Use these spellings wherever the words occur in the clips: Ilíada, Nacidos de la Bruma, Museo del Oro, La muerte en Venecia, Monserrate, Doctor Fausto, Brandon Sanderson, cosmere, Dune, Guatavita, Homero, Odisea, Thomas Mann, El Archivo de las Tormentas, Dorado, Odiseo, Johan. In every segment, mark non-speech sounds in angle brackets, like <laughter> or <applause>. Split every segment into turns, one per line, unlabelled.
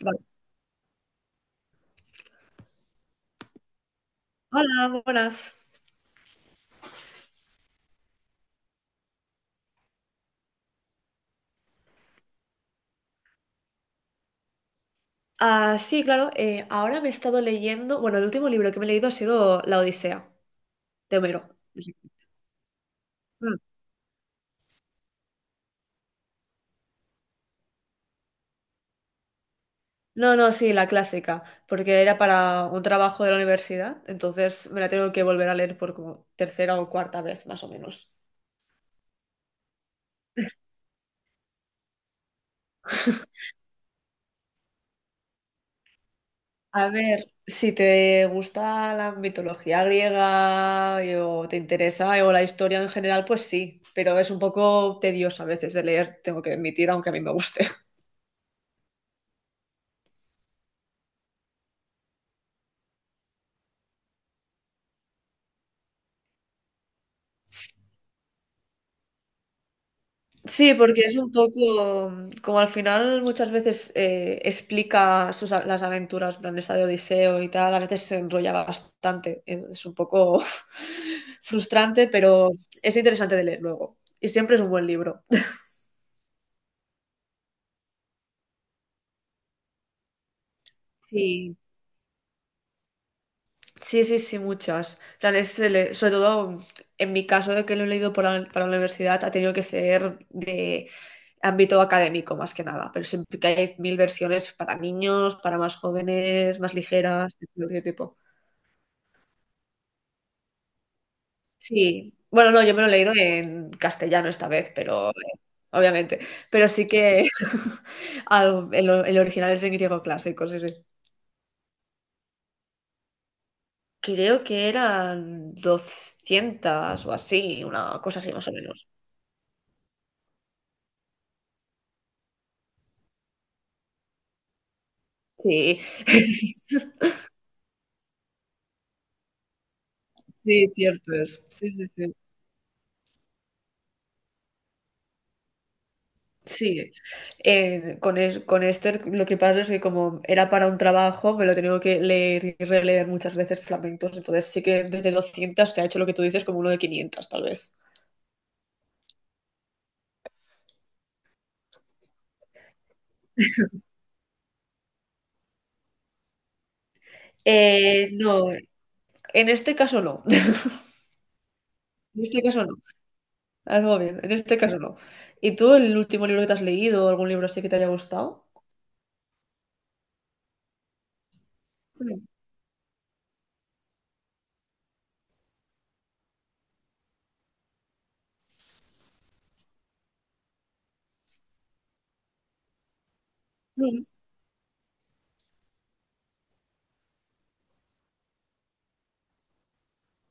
Vale. Hola, buenas. Ah, sí, claro, ahora me he estado leyendo, bueno, el último libro que me he leído ha sido La Odisea, de Homero. Mm. No, no, sí, la clásica, porque era para un trabajo de la universidad, entonces me la tengo que volver a leer por como tercera o cuarta vez, más o menos. A ver, si te gusta la mitología griega o te interesa o la historia en general, pues sí, pero es un poco tedioso a veces de leer, tengo que admitir, aunque a mí me guste. Sí, porque es un poco como al final muchas veces explica sus, las aventuras, en plan esta de Odiseo y tal, a veces se enrolla bastante, es un poco <laughs> frustrante, pero es interesante de leer luego y siempre es un buen libro. <laughs> Sí. Sí, sí, sí, muchas. En plan, sobre todo en mi caso de que lo he leído para la universidad, ha tenido que ser de ámbito académico más que nada, pero siempre que hay mil versiones para niños, para más jóvenes, más ligeras, de cualquier tipo. Sí, bueno, no, yo me lo he leído en castellano esta vez, pero obviamente, pero sí que <laughs> el original es en griego clásico, sí, sí. Creo que eran 200 o así, una cosa así más o menos. Sí, <laughs> sí, cierto es. Sí, sí, sí. Sí. Con Esther lo que pasa es que como era para un trabajo, me lo he tenido que leer y releer muchas veces flamencos, entonces sí que desde 200 se ha hecho lo que tú dices como uno de 500 tal vez. No, en este caso no, <laughs> en este caso no, algo bien, en este caso no. ¿Y tú el último libro que te has leído o algún libro así que te haya gustado? Mm, mm.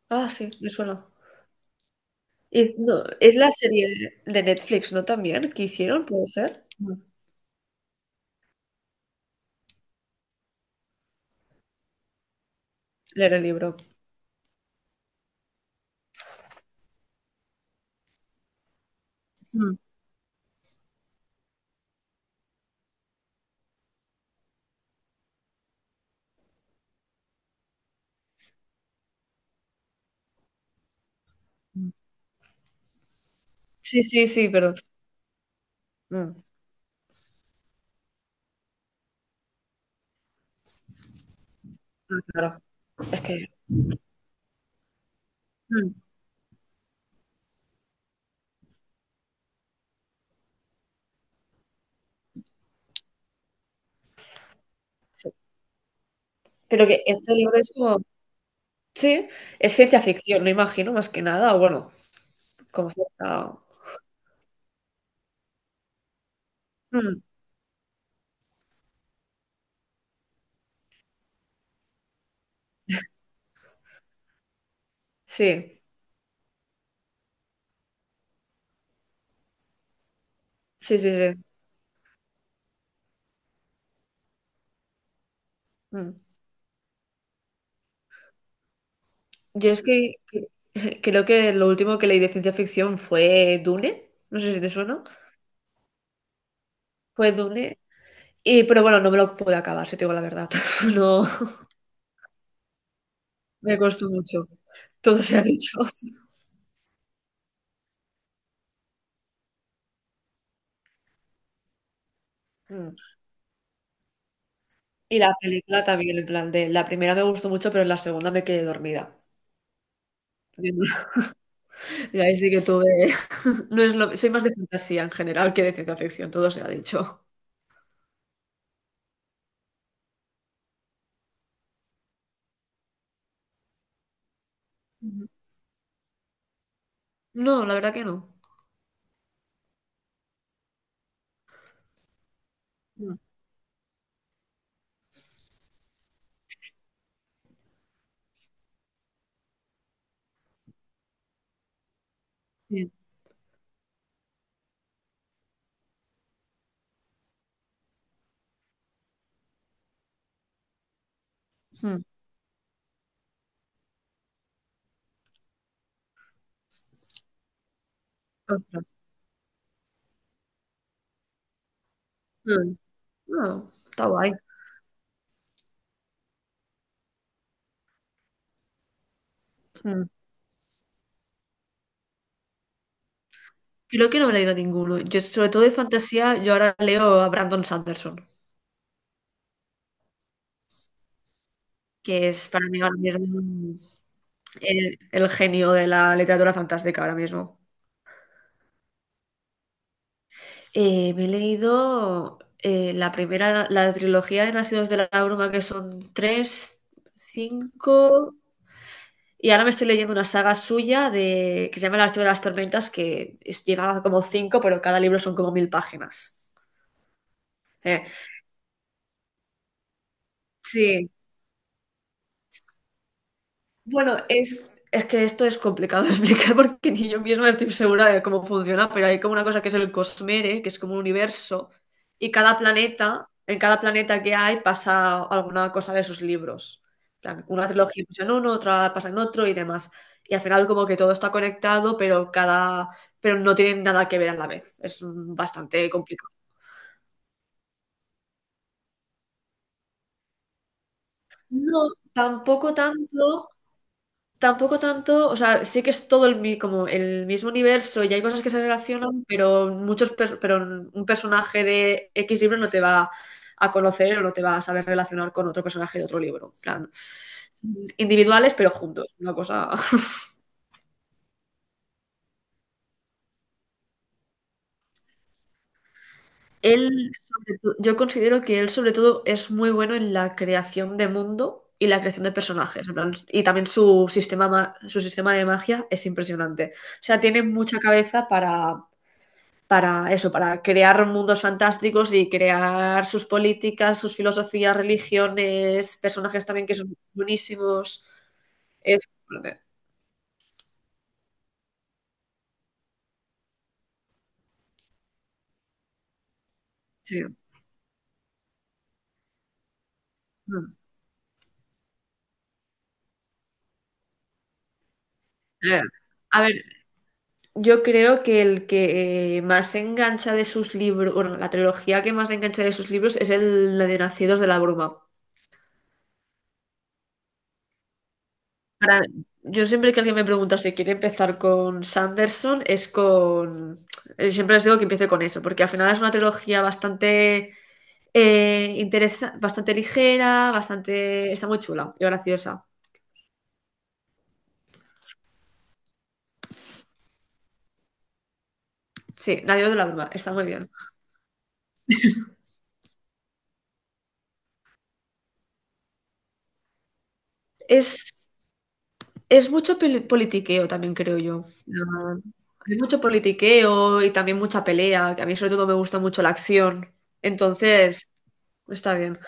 Ah, sí, me suena. No, es la serie de Netflix, ¿no? También, que hicieron, puede ser. Mm. Leer el libro. Mm, mm. Sí, sí, sí, perdón. Mm, mm, claro, es que. mm, sí. Pero que este libro es como. Sí, es ciencia ficción, no imagino, más que nada. O bueno, como cierta. Mm, sí, sí, sí, sí. Mm. Yo es que <laughs> creo que lo último que leí de ciencia ficción fue Dune. No sé si te suena. Fue Dune. Pero bueno, no me lo pude acabar, si te digo la verdad. <laughs> No. Me costó mucho. Todo se ha dicho. Mm. Y la película también, en plan de la primera me gustó mucho, pero en la segunda me quedé dormida. Y ahí sí que tuve. No es lo. Soy más de fantasía en general que de ciencia ficción, todo se ha dicho. Ujú. No, la verdad que no. Mm. Bien. Mm. Ostras. Mm. No, está guay. Mm. Creo que no he leído ninguno. Yo, sobre todo de fantasía, yo ahora leo a Brandon Sanderson, que es para mí ahora mismo el genio de la literatura fantástica ahora mismo. Me he leído la primera, la trilogía de Nacidos de la Bruma, que son tres, cinco, y ahora me estoy leyendo una saga suya de, que se llama El Archivo de las Tormentas, llega a como cinco, pero cada libro son como 1.000 páginas. Eh, sí. Bueno, es que esto es complicado de <laughs> explicar porque ni yo misma estoy segura de cómo funciona, pero hay como una cosa que es el cosmere, que es como un universo, y cada planeta, en cada planeta que hay pasa alguna cosa de sus libros. En plan, una trilogía pasa en uno, otra pasa en otro y demás. Y al final como que todo está conectado, pero no tienen nada que ver a la vez. Es bastante complicado. No, tampoco tanto. Tampoco tanto, o sea, sí que es todo como el mismo universo y hay cosas que se relacionan, pero pero un personaje de X libro no te va a conocer o no te va a saber relacionar con otro personaje de otro libro. En plan, individuales pero juntos, una cosa. <laughs> Él, yo considero que él sobre todo es muy bueno en la creación de mundo y la creación de personajes. En plan, y también su sistema de magia es impresionante. O sea, tiene mucha cabeza para eso, para crear mundos fantásticos y crear sus políticas, sus filosofías, religiones, personajes también que son buenísimos. Es, sí. Mm. Eh, A ver, yo creo que el que más engancha de sus libros, bueno, la trilogía que más engancha de sus libros es el la de Nacidos de la Bruma. Para- yo siempre que alguien me pregunta si quiere empezar con Sanderson, es con. Siempre les digo que empiece con eso, porque al final es una trilogía bastante ligera, bastante. Está muy chula y graciosa. Sí, la digo de la broma, está muy bien. Es, es mucho politiqueo también, creo yo. Ah, hay mucho politiqueo y también mucha pelea, que a mí sobre todo me gusta mucho la acción. Entonces, está bien.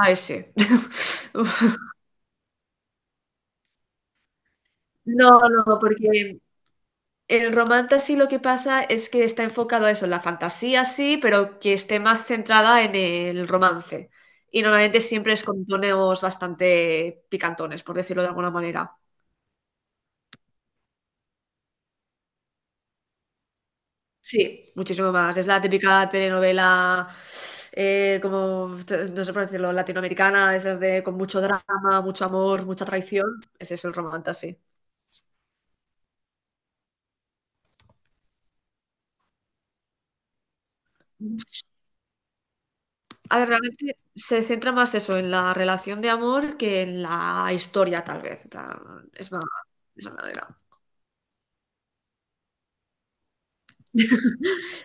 Ah, ese. <laughs> No, no, porque el romance sí lo que pasa es que está enfocado a eso, en la fantasía sí, pero que esté más centrada en el romance. Y normalmente siempre es con tonos bastante picantones, por decirlo de alguna manera. Sí, muchísimo más. Es la típica telenovela, como, no sé por decirlo, latinoamericana, de esas de con mucho drama, mucho amor, mucha traición. Ese es el romance, sí. A ver, realmente se centra más eso, en la relación de amor que en la historia, tal vez. En plan, es más, de esa manera.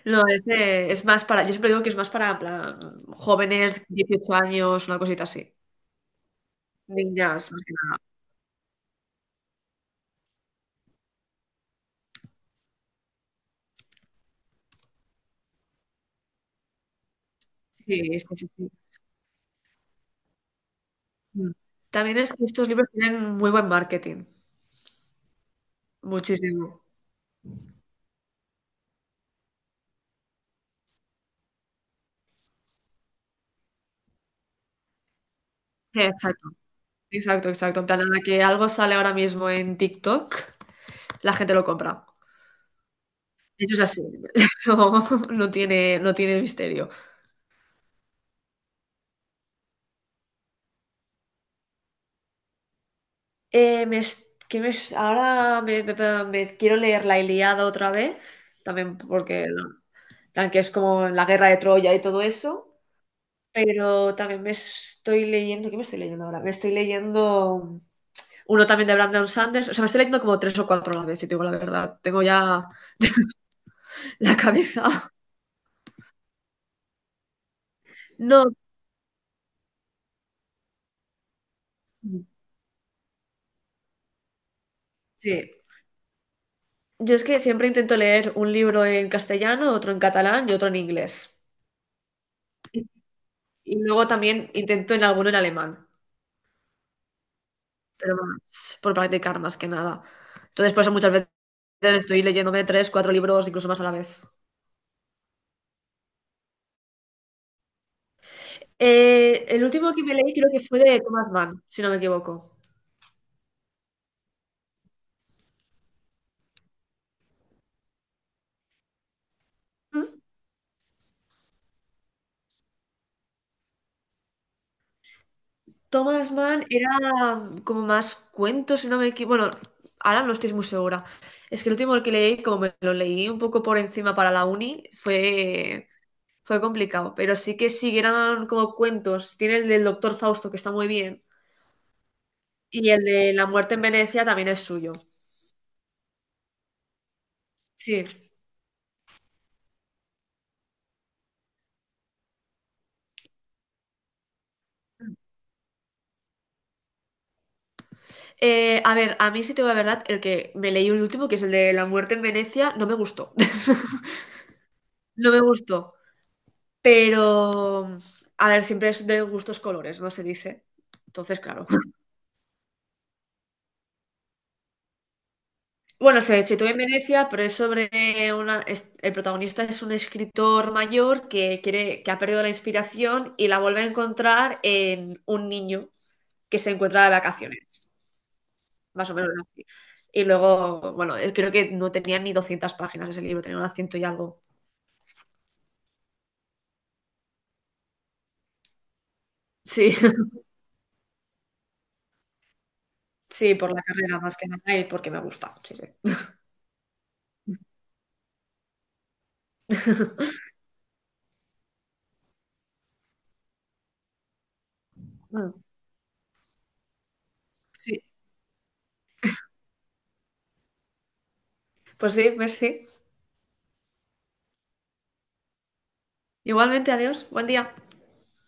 No, es más para, yo siempre digo que es más para, en plan, jóvenes, 18 años, una cosita así. Niñas, más que nada. Sí, es sí, sí. Mm. También es que estos libros tienen muy buen marketing. Muchísimo. Exacto, exacto, exacto. En plan, a la que algo sale ahora mismo en TikTok, la gente lo compra. Eso es así. <laughs> Eso no tiene misterio. Me es- que me es- Ahora me quiero leer La Ilíada otra vez, también porque plan, que es como la guerra de Troya y todo eso, pero también me estoy leyendo, ¿qué me estoy leyendo ahora? Me estoy leyendo uno también de Brandon Sanders, o sea, me estoy leyendo como tres o cuatro a la vez, si te digo la verdad, tengo ya <laughs> la cabeza. No, sí, yo es que siempre intento leer un libro en castellano, otro en catalán y otro en inglés. Y, y luego también intento en alguno en alemán. Pero vamos, por practicar más que nada. Entonces, por eso muchas veces estoy leyéndome tres, cuatro libros, incluso más a la vez. El último que me leí creo que fue de Thomas Mann, si no me equivoco. ¿Mm? Thomas Mann era como más cuentos, si no me equivoco. Bueno, ahora no estoy muy segura. Es que el último que leí, como me lo leí un poco por encima para la uni, fue complicado. Pero sí que sí, eran como cuentos. Tiene el del Doctor Fausto, que está muy bien. Y el de La muerte en Venecia también es suyo. Sí. A ver, a mí sí te digo la verdad, el que me leí el último, que es el de La muerte en Venecia, no me gustó. <laughs> No me gustó. Pero, a ver, siempre es de gustos colores, ¿no? Se dice. Entonces, claro. <laughs> Bueno, se sitúa en Venecia, pero es sobre el protagonista es un escritor mayor que ha perdido la inspiración y la vuelve a encontrar en un niño que se encuentra de vacaciones, más o menos así. Y luego, bueno, creo que no tenía ni 200 páginas ese libro, tenía unas 100 y algo. Sí. Sí, por la carrera más que nada y porque me gusta. Sí, sí. Mm. Sí, pues sí, merci. Igualmente, adiós. Buen día.